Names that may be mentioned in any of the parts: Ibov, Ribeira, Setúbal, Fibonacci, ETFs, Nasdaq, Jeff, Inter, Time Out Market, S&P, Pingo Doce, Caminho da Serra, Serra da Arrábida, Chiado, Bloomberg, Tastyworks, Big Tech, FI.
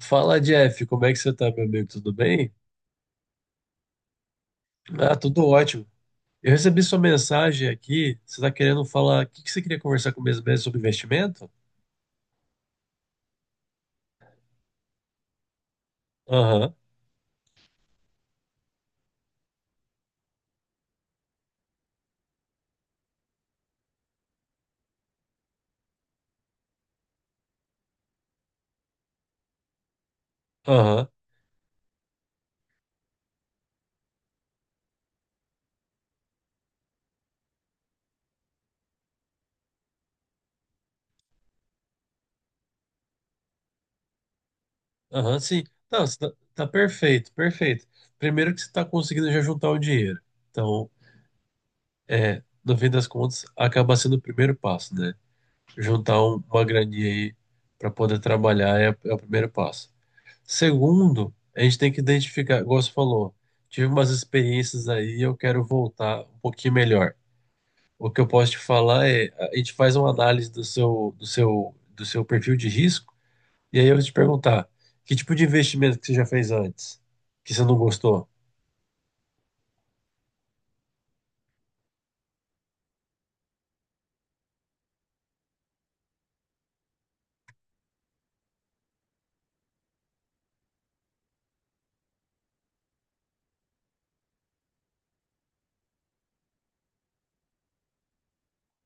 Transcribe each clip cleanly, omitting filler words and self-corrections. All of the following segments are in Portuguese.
Fala, Jeff, como é que você tá, meu amigo? Tudo bem? Ah, tudo ótimo. Eu recebi sua mensagem aqui. Você tá querendo falar. O que que você queria conversar comigo mesmo sobre investimento? Aham, aham, aham, sim. Não, você tá, tá perfeito. Primeiro que você tá conseguindo já juntar o dinheiro. Então, é, no fim das contas, acaba sendo o primeiro passo, né? Juntar uma graninha aí pra poder trabalhar é o primeiro passo. Segundo, a gente tem que identificar, igual você falou, tive umas experiências aí e eu quero voltar um pouquinho melhor. O que eu posso te falar é, a gente faz uma análise do seu perfil de risco, e aí eu vou te perguntar, que tipo de investimento que você já fez antes, que você não gostou?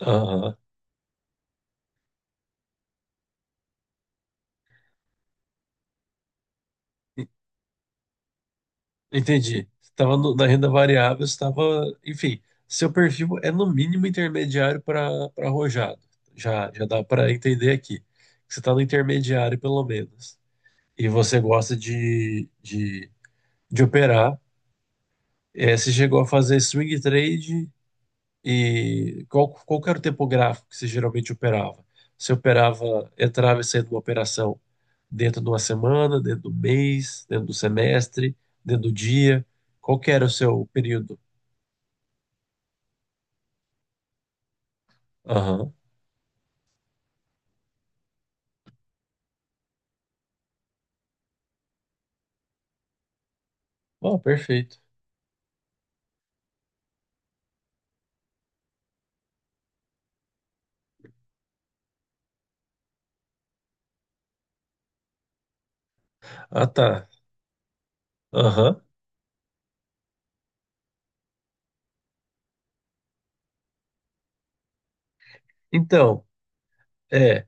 Aham, en- entendi. Você estava na renda variável, estava, enfim, seu perfil é no mínimo intermediário para arrojado. Já dá para entender aqui, que você está no intermediário pelo menos. E você gosta de operar. É, você chegou a fazer swing trade e qual que era o tempo gráfico que você geralmente operava? Você operava, entrava e saía de uma operação dentro de uma semana, dentro do mês, dentro do semestre, dentro do dia? Qual que era o seu período? Aham. Ó, perfeito. Ah, tá. Aham. Então, é.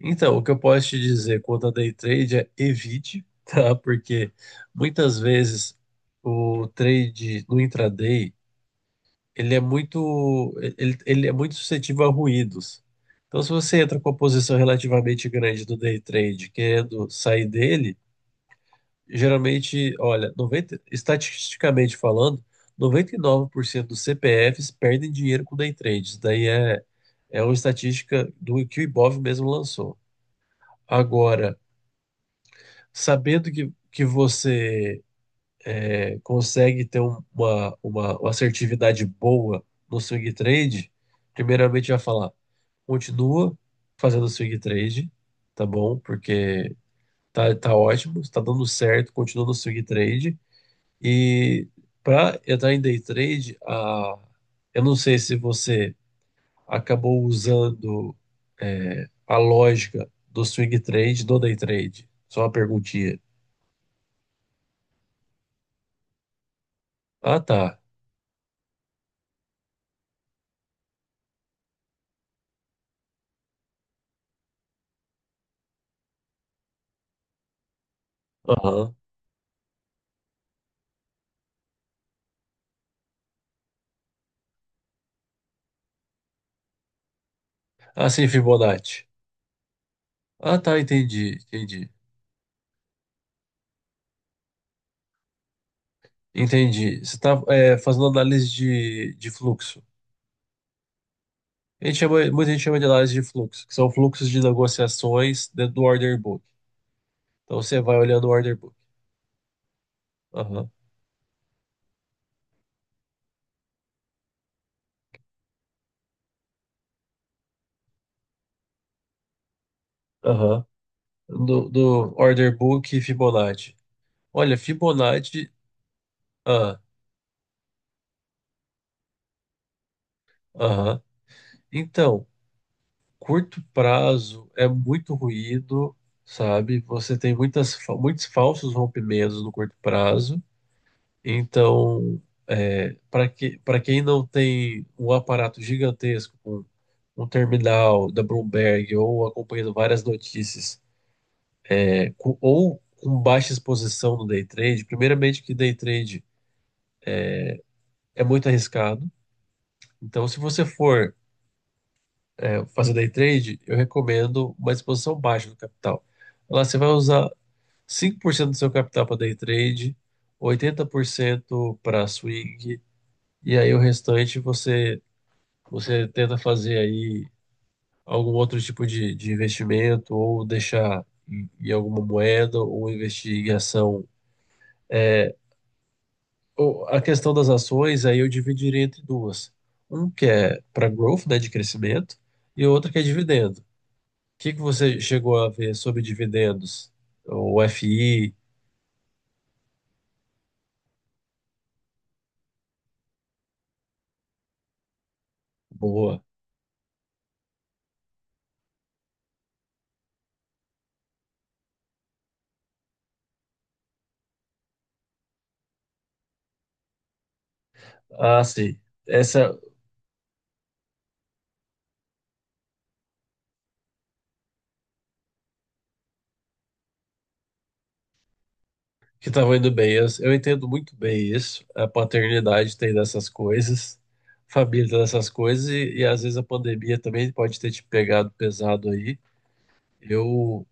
Então, o que eu posso te dizer quanto a day trade é evite, tá? Porque muitas vezes o trade no intraday, ele é muito, ele é muito suscetível a ruídos. Então, se você entra com uma posição relativamente grande do day trade, querendo sair dele, geralmente, olha, 90, estatisticamente falando, 99% dos CPFs perdem dinheiro com day trade. Isso daí é uma estatística do que o Ibov mesmo lançou. Agora, sabendo que você consegue ter uma assertividade boa no swing trade, primeiramente já falar, continua fazendo swing trade, tá bom? Porque tá, tá ótimo, está dando certo, continua no swing trade. E para entrar em day trade, eu não sei se você acabou usando a lógica do swing trade, do day trade. Só uma perguntinha. Ah, tá. Aham. Ah, sim, Fibonacci. Ah, tá, entendi, entendi. Entendi. Você está fazendo análise de fluxo. A gente chama, muita gente chama de análise de fluxo, que são fluxos de negociações dentro do order book. Então você vai olhando o order book. Aham, aham. Do order book e Fibonacci. Olha, Fibonacci. Ah, aham. Então, curto prazo é muito ruído, sabe? Você tem muitas, muitos falsos rompimentos no curto prazo. Então, é, para quem não tem um aparato gigantesco com um terminal da Bloomberg ou acompanhando várias notícias, é, ou com baixa exposição no day trade, primeiramente que day trade é muito arriscado. Então, se você for fazer day trade, eu recomendo uma exposição baixa do capital. Lá você vai usar 5% do seu capital para day trade, 80% para swing, e aí o restante você. Você tenta fazer aí algum outro tipo de investimento ou deixar em, em alguma moeda ou investir em ação. Ou a questão das ações, aí eu dividiria entre duas. Um que é para growth, né, de crescimento, e outra que é dividendo. O que que você chegou a ver sobre dividendos? O FI, boa. Ah, sim. Essa que estavam indo bem. Eu entendo muito bem isso. A paternidade tem dessas coisas, família tem dessas coisas, e às vezes a pandemia também pode ter te pegado pesado aí. Eu,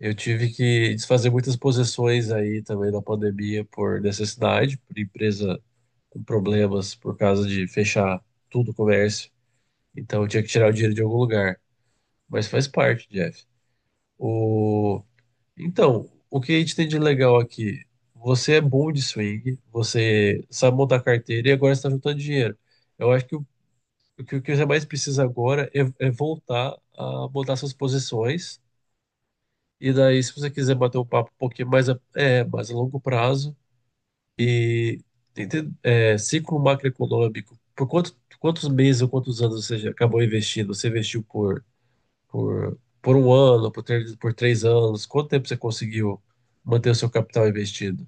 eu tive que desfazer muitas posições aí também na pandemia por necessidade, por empresa com problemas por causa de fechar tudo o comércio. Então eu tinha que tirar o dinheiro de algum lugar. Mas faz parte, Jeff. O Então, o que a gente tem de legal aqui? Você é bom de swing, você sabe montar carteira e agora está juntando dinheiro. Eu acho que o que você mais precisa agora é voltar a montar suas posições. E daí, se você quiser bater um papo um pouquinho mais mais a longo prazo e ciclo macroeconômico, por quanto, quantos meses ou quantos anos você já acabou investindo? Você investiu por 1 ano, por 3 anos? Quanto tempo você conseguiu manter o seu capital investido?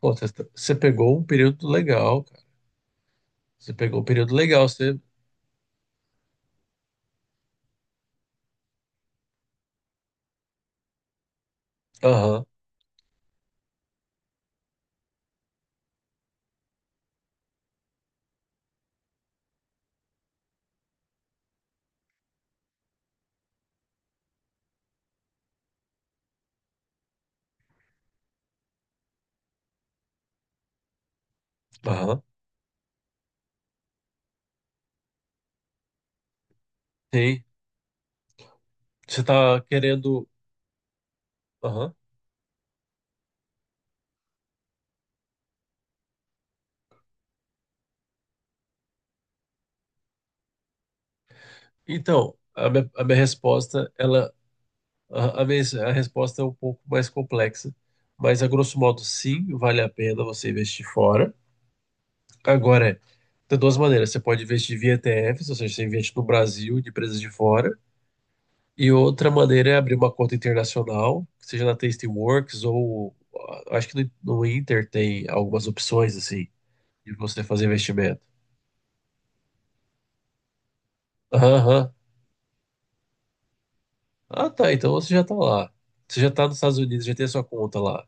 Pô, você, tá, você pegou um período legal, cara. Você pegou um período legal, você. Aham, aham, sim. Você tá querendo. Aham. Então, a minha resposta, ela. A, a minha, a resposta é um pouco mais complexa. Mas, a grosso modo, sim, vale a pena você investir fora. Agora, é, tem duas maneiras. Você pode investir via ETFs, ou seja, você investe no Brasil, de empresas de fora. E outra maneira é abrir uma conta internacional, seja na Tastyworks ou ah, acho que no Inter tem algumas opções assim de você fazer investimento. Aham, aham. Ah, tá. Então você já tá lá. Você já tá nos Estados Unidos, já tem a sua conta lá.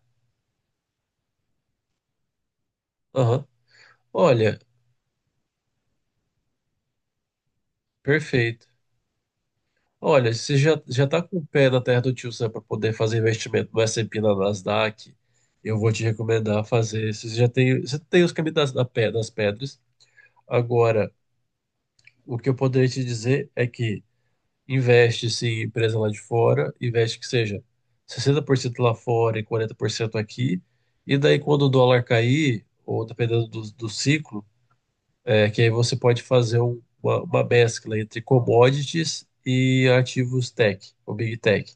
Aham. Olha, perfeito. Olha, você já tá com o pé na terra do tio Sam para poder fazer investimento no S&P, na Nasdaq. Eu vou te recomendar fazer. Você já tem, você tem os caminhos das pedras. Agora, o que eu poderia te dizer é que investe-se em empresa lá de fora, investe que seja 60% lá fora e 40% aqui, e daí quando o dólar cair, ou dependendo do ciclo, é, que aí você pode fazer uma mescla entre commodities e ativos tech, ou big tech.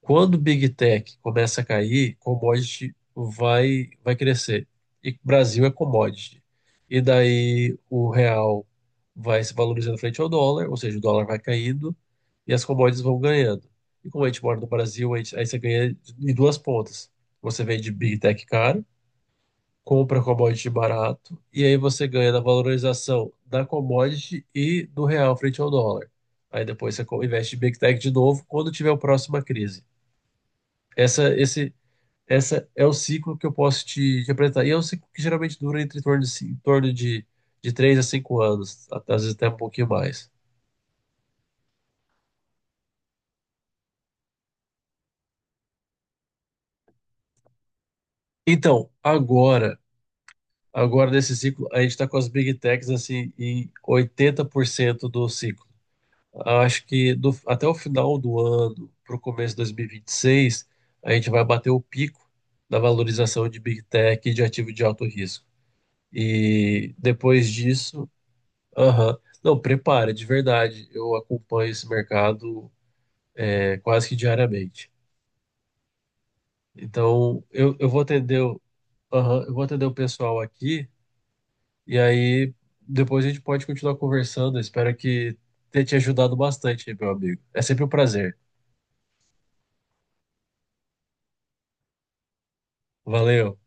Quando o Big Tech começa a cair, commodity vai crescer. E o Brasil é commodity. E daí o real vai se valorizando frente ao dólar, ou seja, o dólar vai caindo e as commodities vão ganhando. E como a gente mora no Brasil, a gente, aí você ganha em duas pontas. Você vende Big Tech caro, compra commodity barato, e aí você ganha na valorização da commodity e do real frente ao dólar. Aí depois você investe em Big Tech de novo quando tiver a próxima crise. Essa, esse, essa é o ciclo que eu posso te apresentar. E é um ciclo que geralmente dura entre em torno de 3 a 5 anos, às vezes até um pouquinho mais. Então, agora nesse ciclo, a gente está com as Big Techs assim, em 80% do ciclo. Acho que até o final do ano, para o começo de 2026, a gente vai bater o pico da valorização de Big Tech e de ativo de alto risco. E depois disso. Aham. Não, prepara, de verdade. Eu acompanho esse mercado é, quase que diariamente. Então, eu vou atender aham, eu vou atender o pessoal aqui e aí depois a gente pode continuar conversando. Eu espero que tenha te ajudado bastante, meu amigo. É sempre um prazer. Valeu.